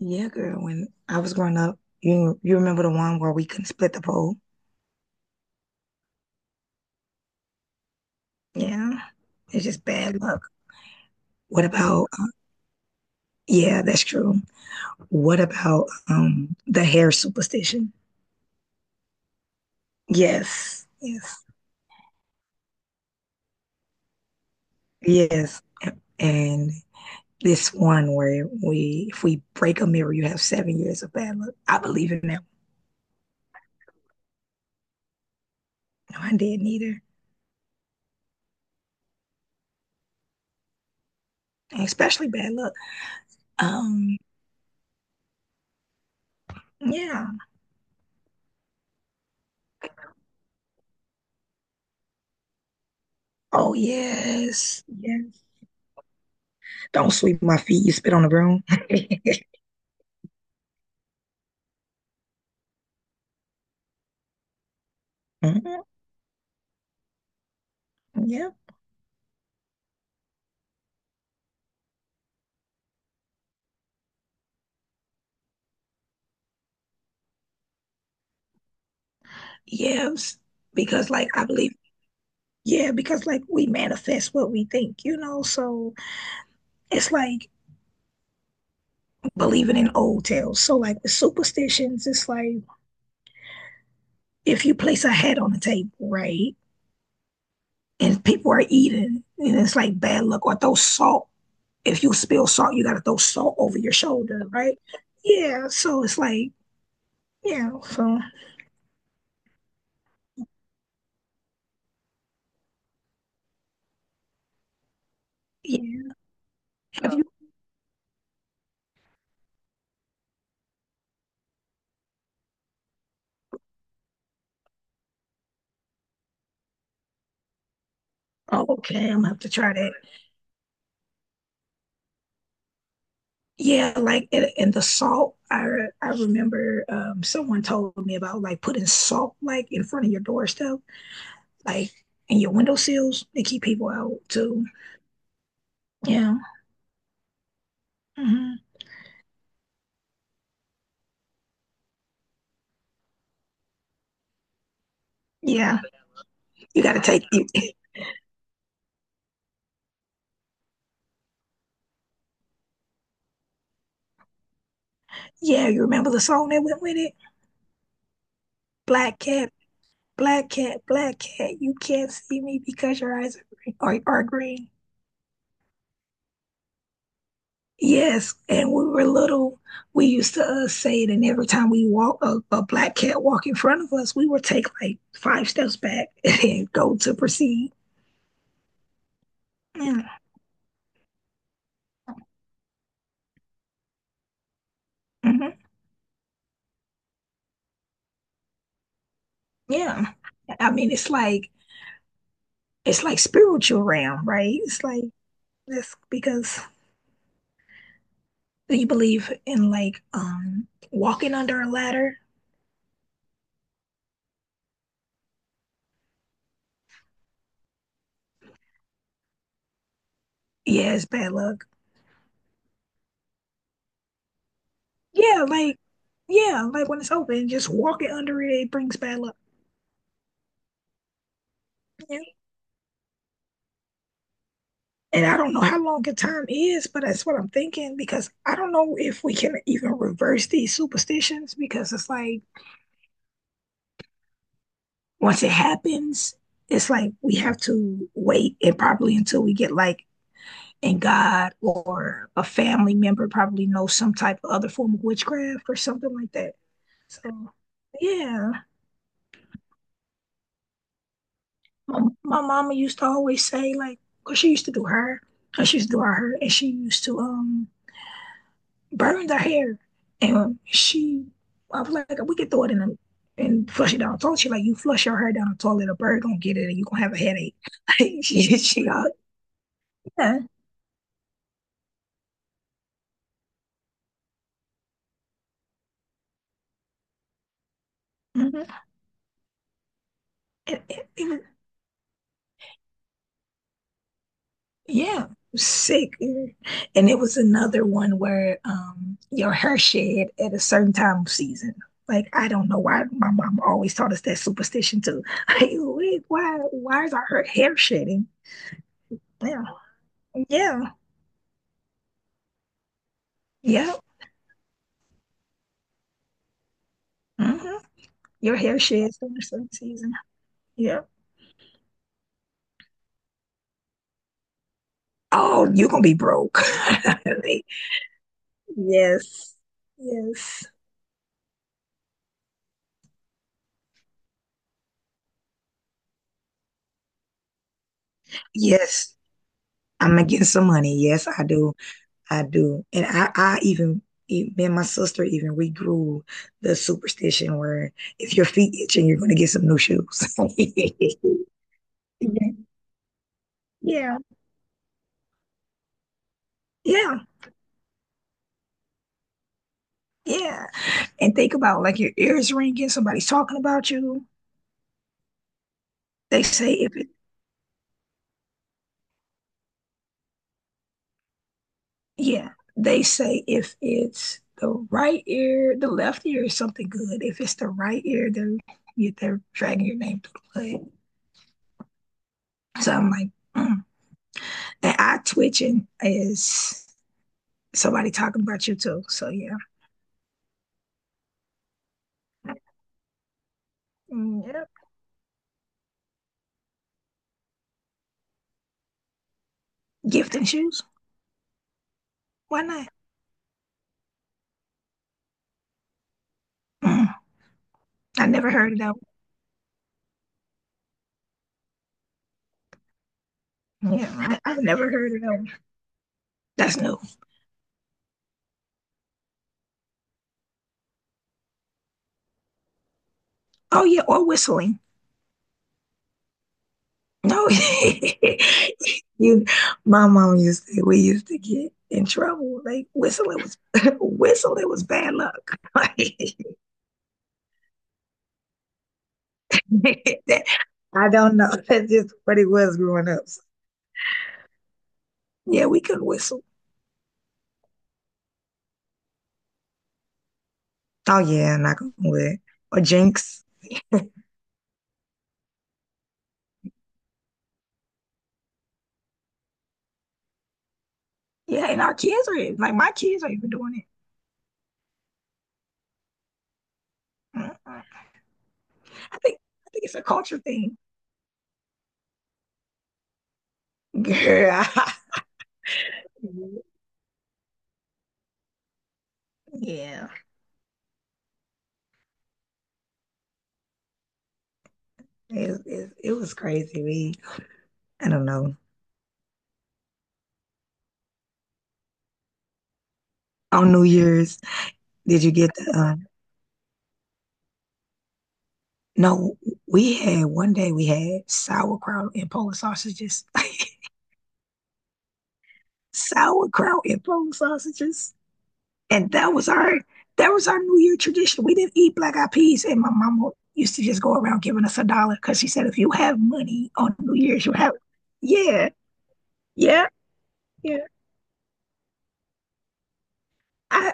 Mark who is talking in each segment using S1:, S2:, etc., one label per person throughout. S1: Yeah, girl. When I was growing up, you remember the one where we couldn't split the pole? Yeah. It's just bad luck. What about, yeah, that's true. What about the hair superstition? Yes, yes, yes. And this one where we if we break a mirror, you have 7 years of bad luck. I believe in that. No, I didn't either. And especially bad luck. Um, yeah. Oh yes. Yeah. Don't sweep my feet. You spit on the broom. Mhm. Yeah. Yes. Because like I believe, yeah, because like we manifest what we think. So it's like believing in old tales. So like with superstitions, it's like if you place a hat on the table, right? And people are eating and it's like bad luck or throw salt. If you spill salt, you gotta throw salt over your shoulder, right? Yeah. So it's like, yeah, so yeah. Have you? Oh, okay, I'm gonna have to try that. Yeah, like and the salt. I remember someone told me about like putting salt like in front of your doorstep, like in your windowsills. They keep people out too. Yeah, hmm, yeah. You got to take you. Yeah, you remember the song that went with it? Black cat, black cat, black cat. You can't see me because your eyes are green, are green. Yes, and we were little. We used to say it, and every time we walk a black cat walk in front of us, we would take like five steps back and then go to proceed. Yeah, mhm, yeah. I mean it's like spiritual realm, right? It's like this because you believe in like walking under a ladder. Yeah, it's bad luck. Yeah, like yeah, like when it's open, just walking under it brings bad luck. Yeah. And I don't know how long a time is, but that's what I'm thinking because I don't know if we can even reverse these superstitions because it's like once it happens, it's like we have to wait and probably until we get like in God or a family member probably knows some type of other form of witchcraft or something like that. So yeah, my mama used to always say like because she used to do her, she used to do her, and she used to burns her hair, and she, I was like, we could throw it and flush it down the toilet. She like, you flush your hair down the toilet, a bird gonna get it, and you gonna have a headache. she, all, yeah, mhm. It- it- it was- yeah, it was sick. And it was another one where your hair shed at a certain time of season. Like I don't know why my mom always taught us that superstition too. Like, why is our hair shedding? Yeah, yeah, yeah. hmm Your hair sheds during certain season. Yeah. Oh, you're gonna be broke. Yes. Yes. Yes. I'm gonna get some money. Yes, I do. I do. And I even me and my sister even we grew the superstition where if your feet itching, you're gonna get some new shoes. Yeah. Yeah. Yeah. Yeah. And think about like your ears ringing, somebody's talking about you. They say if it Yeah, they say if it's the right ear, the left ear is something good. If it's the right ear, they're dragging your name through the mud. So I'm like, mm. And eye twitching is somebody talking about you too. So yeah, mm, yep. Gifting shoes, why not? Mm. I never heard of that. One. Yeah, I've never heard of that. One. That's new. Oh yeah, or whistling. No, you. My mom used to. We used to get in trouble. Like whistling was whistling was bad luck. that- I don't know. That's just what it was growing up. So, yeah, we couldn't whistle. Oh yeah, not gonna lie. Or jinx. Yeah, and our kids are like my kids are even doing it. Mm-mm. I think I think it's a culture thing. Girl. Yeah. It was crazy. We I don't know. On New Year's, did you get the, no, we had one day we had sauerkraut and Polish sausages. Sauerkraut and Polish sausages. And that was our New Year tradition. We didn't eat black eyed peas, and my mama used to just go around giving us a dollar because she said if you have money on New Year's, you have yeah, yeah, yeah. I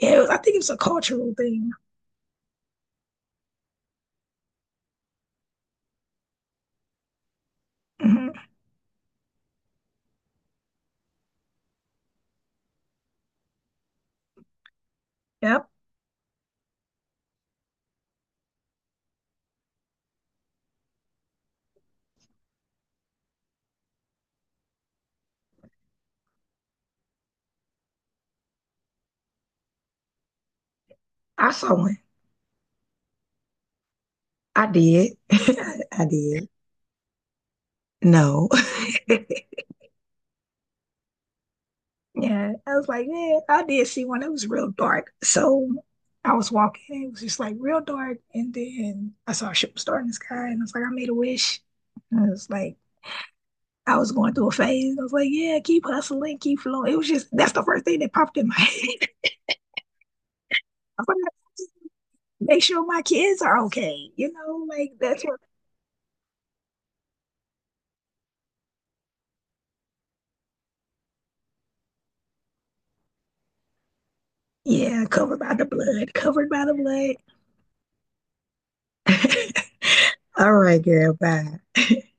S1: Yeah, I think it was a cultural thing. hmm Yep, I saw one. I did. I did. No. Yeah, I was like, yeah, I did see one. It was real dark. So I was walking, it was just like real dark. And then I saw a shooting star in the sky, and I was like, I made a wish. And I was like, I was going through a phase. I was like, yeah, keep hustling, keep flowing. It was just, that's the first thing that popped in my head. I was like, make sure my kids are okay. You know, like that's what, yeah, covered by the blood, covered by the blood. All right, girl, bye.